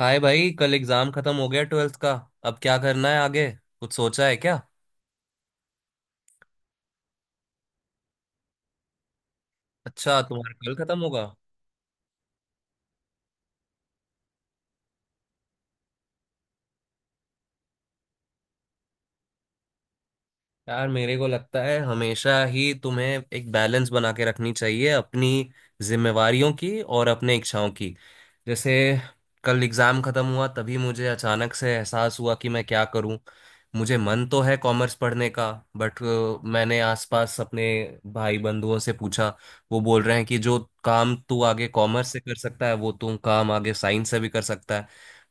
हाय भाई, कल एग्जाम खत्म हो गया ट्वेल्थ का। अब क्या करना है आगे? कुछ सोचा है क्या? अच्छा, तुम्हारा कल खत्म होगा। यार मेरे को लगता है हमेशा ही तुम्हें एक बैलेंस बना के रखनी चाहिए अपनी जिम्मेवारियों की और अपने इच्छाओं की। जैसे कल एग्ज़ाम ख़त्म हुआ तभी मुझे अचानक से एहसास हुआ कि मैं क्या करूं। मुझे मन तो है कॉमर्स पढ़ने का, बट मैंने आसपास अपने भाई बंधुओं से पूछा, वो बोल रहे हैं कि जो काम तू आगे कॉमर्स से कर सकता है वो तू काम आगे साइंस से भी कर सकता है।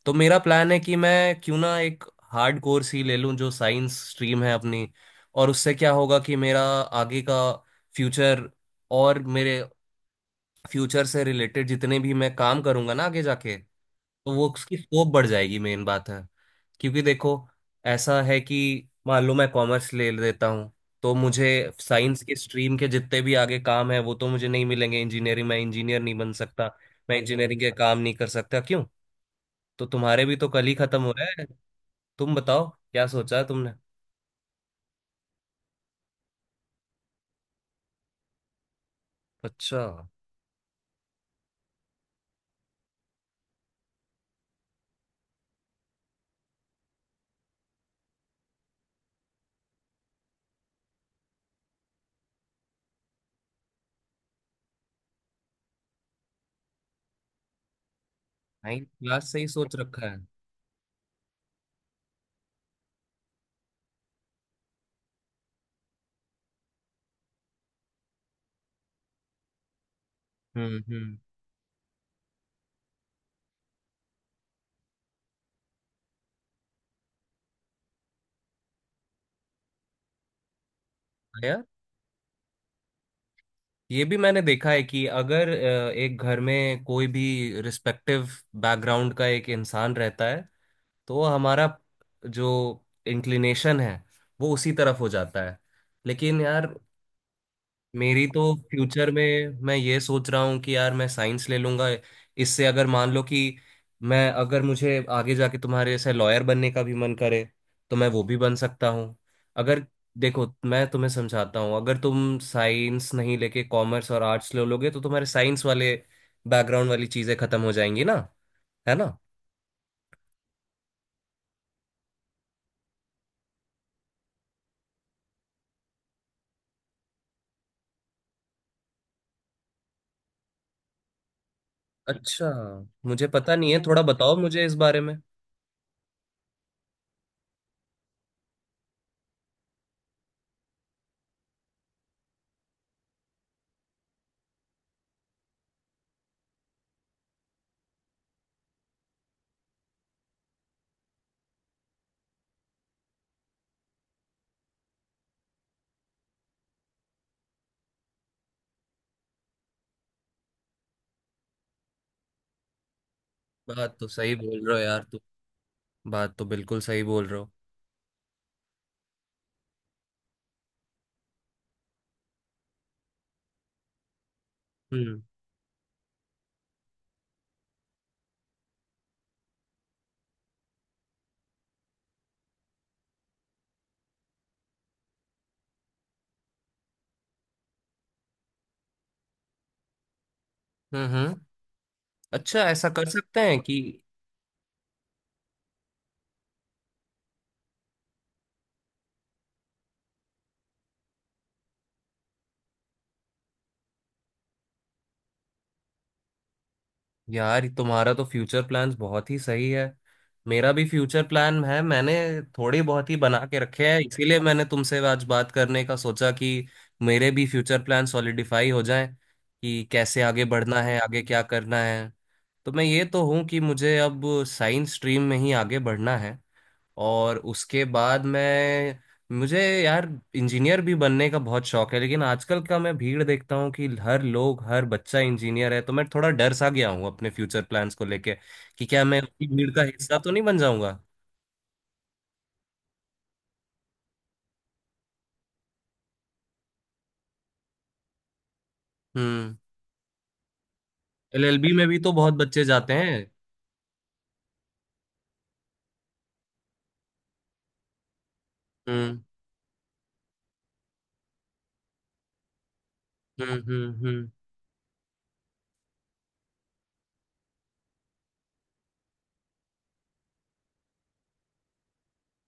तो मेरा प्लान है कि मैं क्यों ना एक हार्ड कोर्स ही ले लूं जो साइंस स्ट्रीम है अपनी। और उससे क्या होगा कि मेरा आगे का फ्यूचर और मेरे फ्यूचर से रिलेटेड जितने भी मैं काम करूंगा ना आगे जाके, तो वो उसकी स्कोप बढ़ जाएगी, मेन बात है। क्योंकि देखो, ऐसा है कि मान लो मैं कॉमर्स ले लेता हूँ, तो मुझे साइंस के स्ट्रीम के जितने भी आगे काम है वो तो मुझे नहीं मिलेंगे। इंजीनियरिंग, मैं इंजीनियर नहीं बन सकता, मैं इंजीनियरिंग के काम नहीं कर सकता। क्यों? तो तुम्हारे भी तो कल ही खत्म हो रहा है। तुम बताओ क्या सोचा है तुमने? अच्छा, नाइन्थ क्लास से ही सोच रखा है। हम्म। हाँ यार, ये भी मैंने देखा है कि अगर एक घर में कोई भी रिस्पेक्टिव बैकग्राउंड का एक इंसान रहता है, तो हमारा जो इंक्लिनेशन है वो उसी तरफ हो जाता है। लेकिन यार मेरी तो फ्यूचर में मैं ये सोच रहा हूँ कि यार मैं साइंस ले लूंगा। इससे अगर मान लो कि मैं, अगर मुझे आगे जाके तुम्हारे जैसे लॉयर बनने का भी मन करे, तो मैं वो भी बन सकता हूँ। अगर, देखो मैं तुम्हें समझाता हूँ, अगर तुम साइंस नहीं लेके कॉमर्स और आर्ट्स ले लोगे तो तुम्हारे साइंस वाले बैकग्राउंड वाली चीजें खत्म हो जाएंगी ना, है ना? अच्छा, मुझे पता नहीं है, थोड़ा बताओ मुझे इस बारे में। बात तो सही बोल रहे हो यार तुम, बात तो बिल्कुल सही बोल रहे हो। हम्म हम्म। अच्छा, ऐसा कर सकते हैं कि, यार तुम्हारा तो फ्यूचर प्लान्स बहुत ही सही है। मेरा भी फ्यूचर प्लान है, मैंने थोड़ी बहुत ही बना के रखे हैं। इसीलिए मैंने तुमसे आज बात करने का सोचा कि मेरे भी फ्यूचर प्लान सॉलिडिफाई हो जाएं कि कैसे आगे बढ़ना है, आगे क्या करना है। तो मैं ये तो हूँ कि मुझे अब साइंस स्ट्रीम में ही आगे बढ़ना है। और उसके बाद मैं, मुझे यार इंजीनियर भी बनने का बहुत शौक है, लेकिन आजकल का मैं भीड़ देखता हूँ कि हर लोग हर बच्चा इंजीनियर है तो मैं थोड़ा डर सा गया हूँ अपने फ्यूचर प्लान्स को लेके कि क्या मैं उसी भीड़ का हिस्सा तो नहीं बन जाऊंगा। हम्म। एलएलबी में भी तो बहुत बच्चे जाते हैं। हम्म हम्म।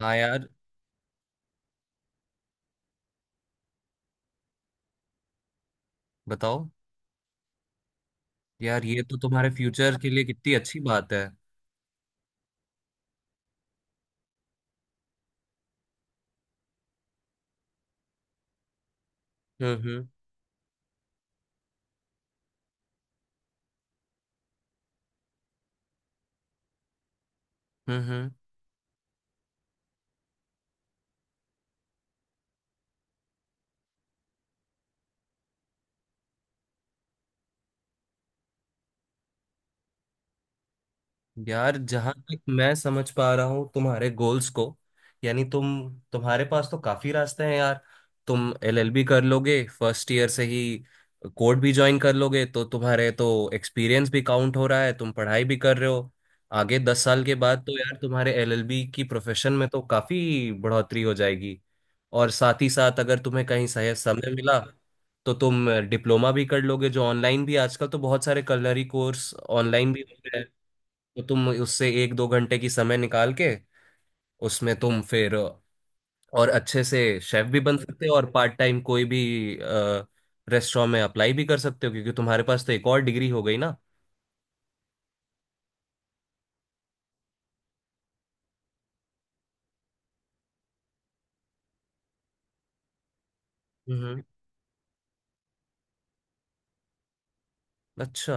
हाँ यार, बताओ। यार ये तो तुम्हारे फ्यूचर के लिए कितनी अच्छी बात है। हम्म हम्म हम्म। यार जहां तक मैं समझ पा रहा हूँ तुम्हारे गोल्स को, यानी तुम, तुम्हारे पास तो काफी रास्ते हैं यार। तुम एलएलबी कर लोगे, फर्स्ट ईयर से ही कोर्ट भी ज्वाइन कर लोगे, तो तुम्हारे तो एक्सपीरियंस भी काउंट हो रहा है, तुम पढ़ाई भी कर रहे हो। आगे 10 साल के बाद तो यार तुम्हारे एलएलबी की प्रोफेशन में तो काफी बढ़ोतरी हो जाएगी। और साथ ही साथ अगर तुम्हें कहीं सही समय मिला, तो तुम डिप्लोमा भी कर लोगे, जो ऑनलाइन भी आजकल तो बहुत सारे कलरी कोर्स ऑनलाइन भी। तो तुम उससे एक दो घंटे की समय निकाल के, उसमें तुम फिर और अच्छे से शेफ भी बन सकते हो, और पार्ट टाइम कोई भी रेस्टोरेंट में अप्लाई भी कर सकते हो क्योंकि तुम्हारे पास तो एक और डिग्री हो गई ना। हम्म। अच्छा।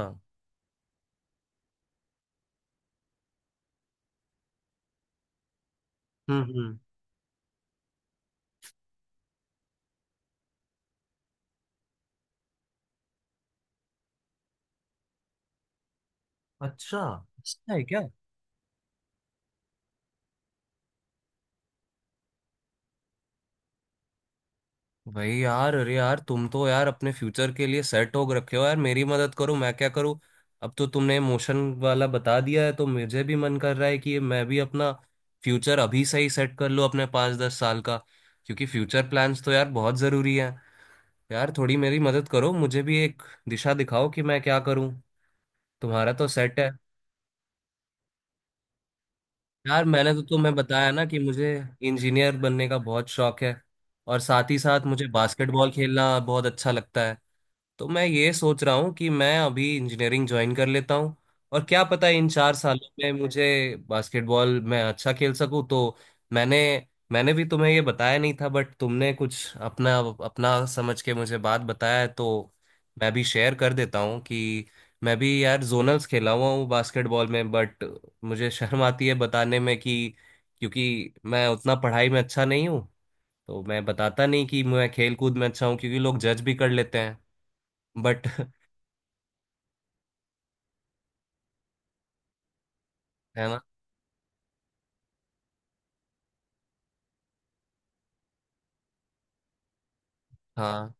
हम्म। अच्छा, अच्छा है क्या? भाई यार, अरे यार तुम तो यार अपने फ्यूचर के लिए सेट हो रखे हो। यार मेरी मदद करो, मैं क्या करूँ? अब तो तुमने मोशन वाला बता दिया है, तो मुझे भी मन कर रहा है कि मैं भी अपना फ्यूचर अभी से ही सेट कर लूँ अपने पाँच दस साल का। क्योंकि फ्यूचर प्लान्स तो यार बहुत ज़रूरी है। यार थोड़ी मेरी मदद करो, मुझे भी एक दिशा दिखाओ कि मैं क्या करूँ। तुम्हारा तो सेट है। यार मैंने तो तुम्हें बताया ना कि मुझे इंजीनियर बनने का बहुत शौक है, और साथ ही साथ मुझे बास्केटबॉल खेलना बहुत अच्छा लगता है। तो मैं ये सोच रहा हूँ कि मैं अभी इंजीनियरिंग ज्वाइन कर लेता हूँ, और क्या पता इन चार सालों में मुझे बास्केटबॉल में अच्छा खेल सकूँ तो। मैंने मैंने भी तुम्हें ये बताया नहीं था, बट तुमने कुछ अपना अपना समझ के मुझे बात बताया है, तो मैं भी शेयर कर देता हूँ कि मैं भी यार जोनल्स खेला हुआ हूँ बास्केटबॉल में, बट मुझे शर्म आती है बताने में कि, क्योंकि मैं उतना पढ़ाई में अच्छा नहीं हूँ तो मैं बताता नहीं कि मैं खेल कूद में अच्छा हूँ क्योंकि लोग जज भी कर लेते हैं बट है ना। हाँ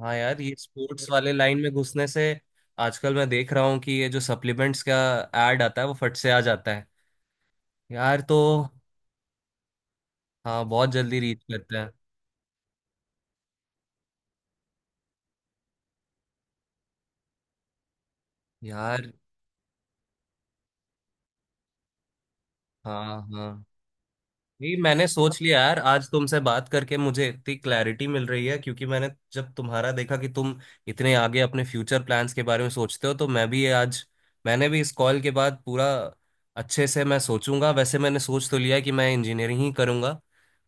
हाँ, यार ये स्पोर्ट्स वाले लाइन में घुसने से, आजकल मैं देख रहा हूँ कि ये जो सप्लीमेंट्स का एड आता है वो फट से आ जाता है। यार तो। हाँ बहुत जल्दी रीच करता है। यार हाँ हाँ जी, मैंने सोच लिया यार, आज तुमसे बात करके मुझे इतनी क्लैरिटी मिल रही है क्योंकि मैंने जब तुम्हारा देखा कि तुम इतने आगे अपने फ्यूचर प्लान्स के बारे में सोचते हो, तो मैं भी ये आज, मैंने भी इस कॉल के बाद पूरा अच्छे से मैं सोचूंगा। वैसे मैंने सोच तो लिया है कि मैं इंजीनियरिंग ही करूंगा,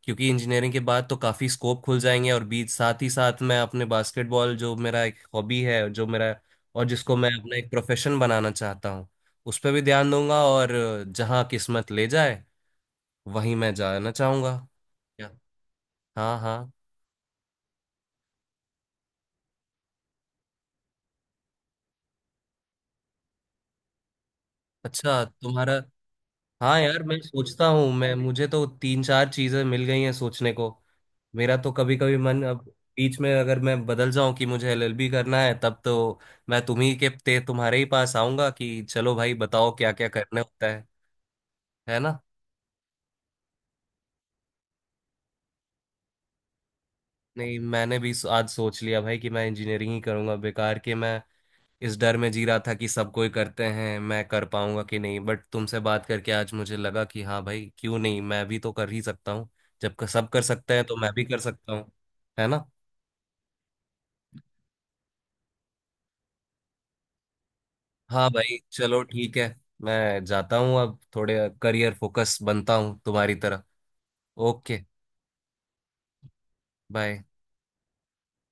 क्योंकि इंजीनियरिंग के बाद तो काफ़ी स्कोप खुल जाएंगे, और बीच साथ ही साथ मैं अपने बास्केटबॉल जो मेरा एक हॉबी है, जो मेरा और जिसको मैं अपना एक प्रोफेशन बनाना चाहता हूँ, उस पर भी ध्यान दूंगा, और जहाँ किस्मत ले जाए वहीं मैं जाना चाहूंगा। क्या? हाँ हाँ। अच्छा, तुम्हारा। हाँ यार, मैं सोचता हूँ, मैं, मुझे तो तीन चार चीजें मिल गई हैं सोचने को। मेरा तो कभी कभी मन अब बीच में अगर मैं बदल जाऊं कि मुझे एलएलबी करना है, तब तो मैं तुम्ही के ते तुम्हारे ही पास आऊंगा कि चलो भाई बताओ क्या क्या करना होता है। है ना। नहीं मैंने भी आज सोच लिया भाई कि मैं इंजीनियरिंग ही करूंगा। बेकार के मैं इस डर में जी रहा था कि सब कोई करते हैं मैं कर पाऊंगा कि नहीं, बट तुमसे बात करके आज मुझे लगा कि हाँ भाई क्यों नहीं, मैं भी तो कर ही सकता हूँ। जब सब कर सकते हैं तो मैं भी कर सकता हूँ। है ना। हाँ भाई चलो ठीक है, मैं जाता हूँ अब, थोड़े करियर फोकस बनता हूँ तुम्हारी तरह। ओके। बाय।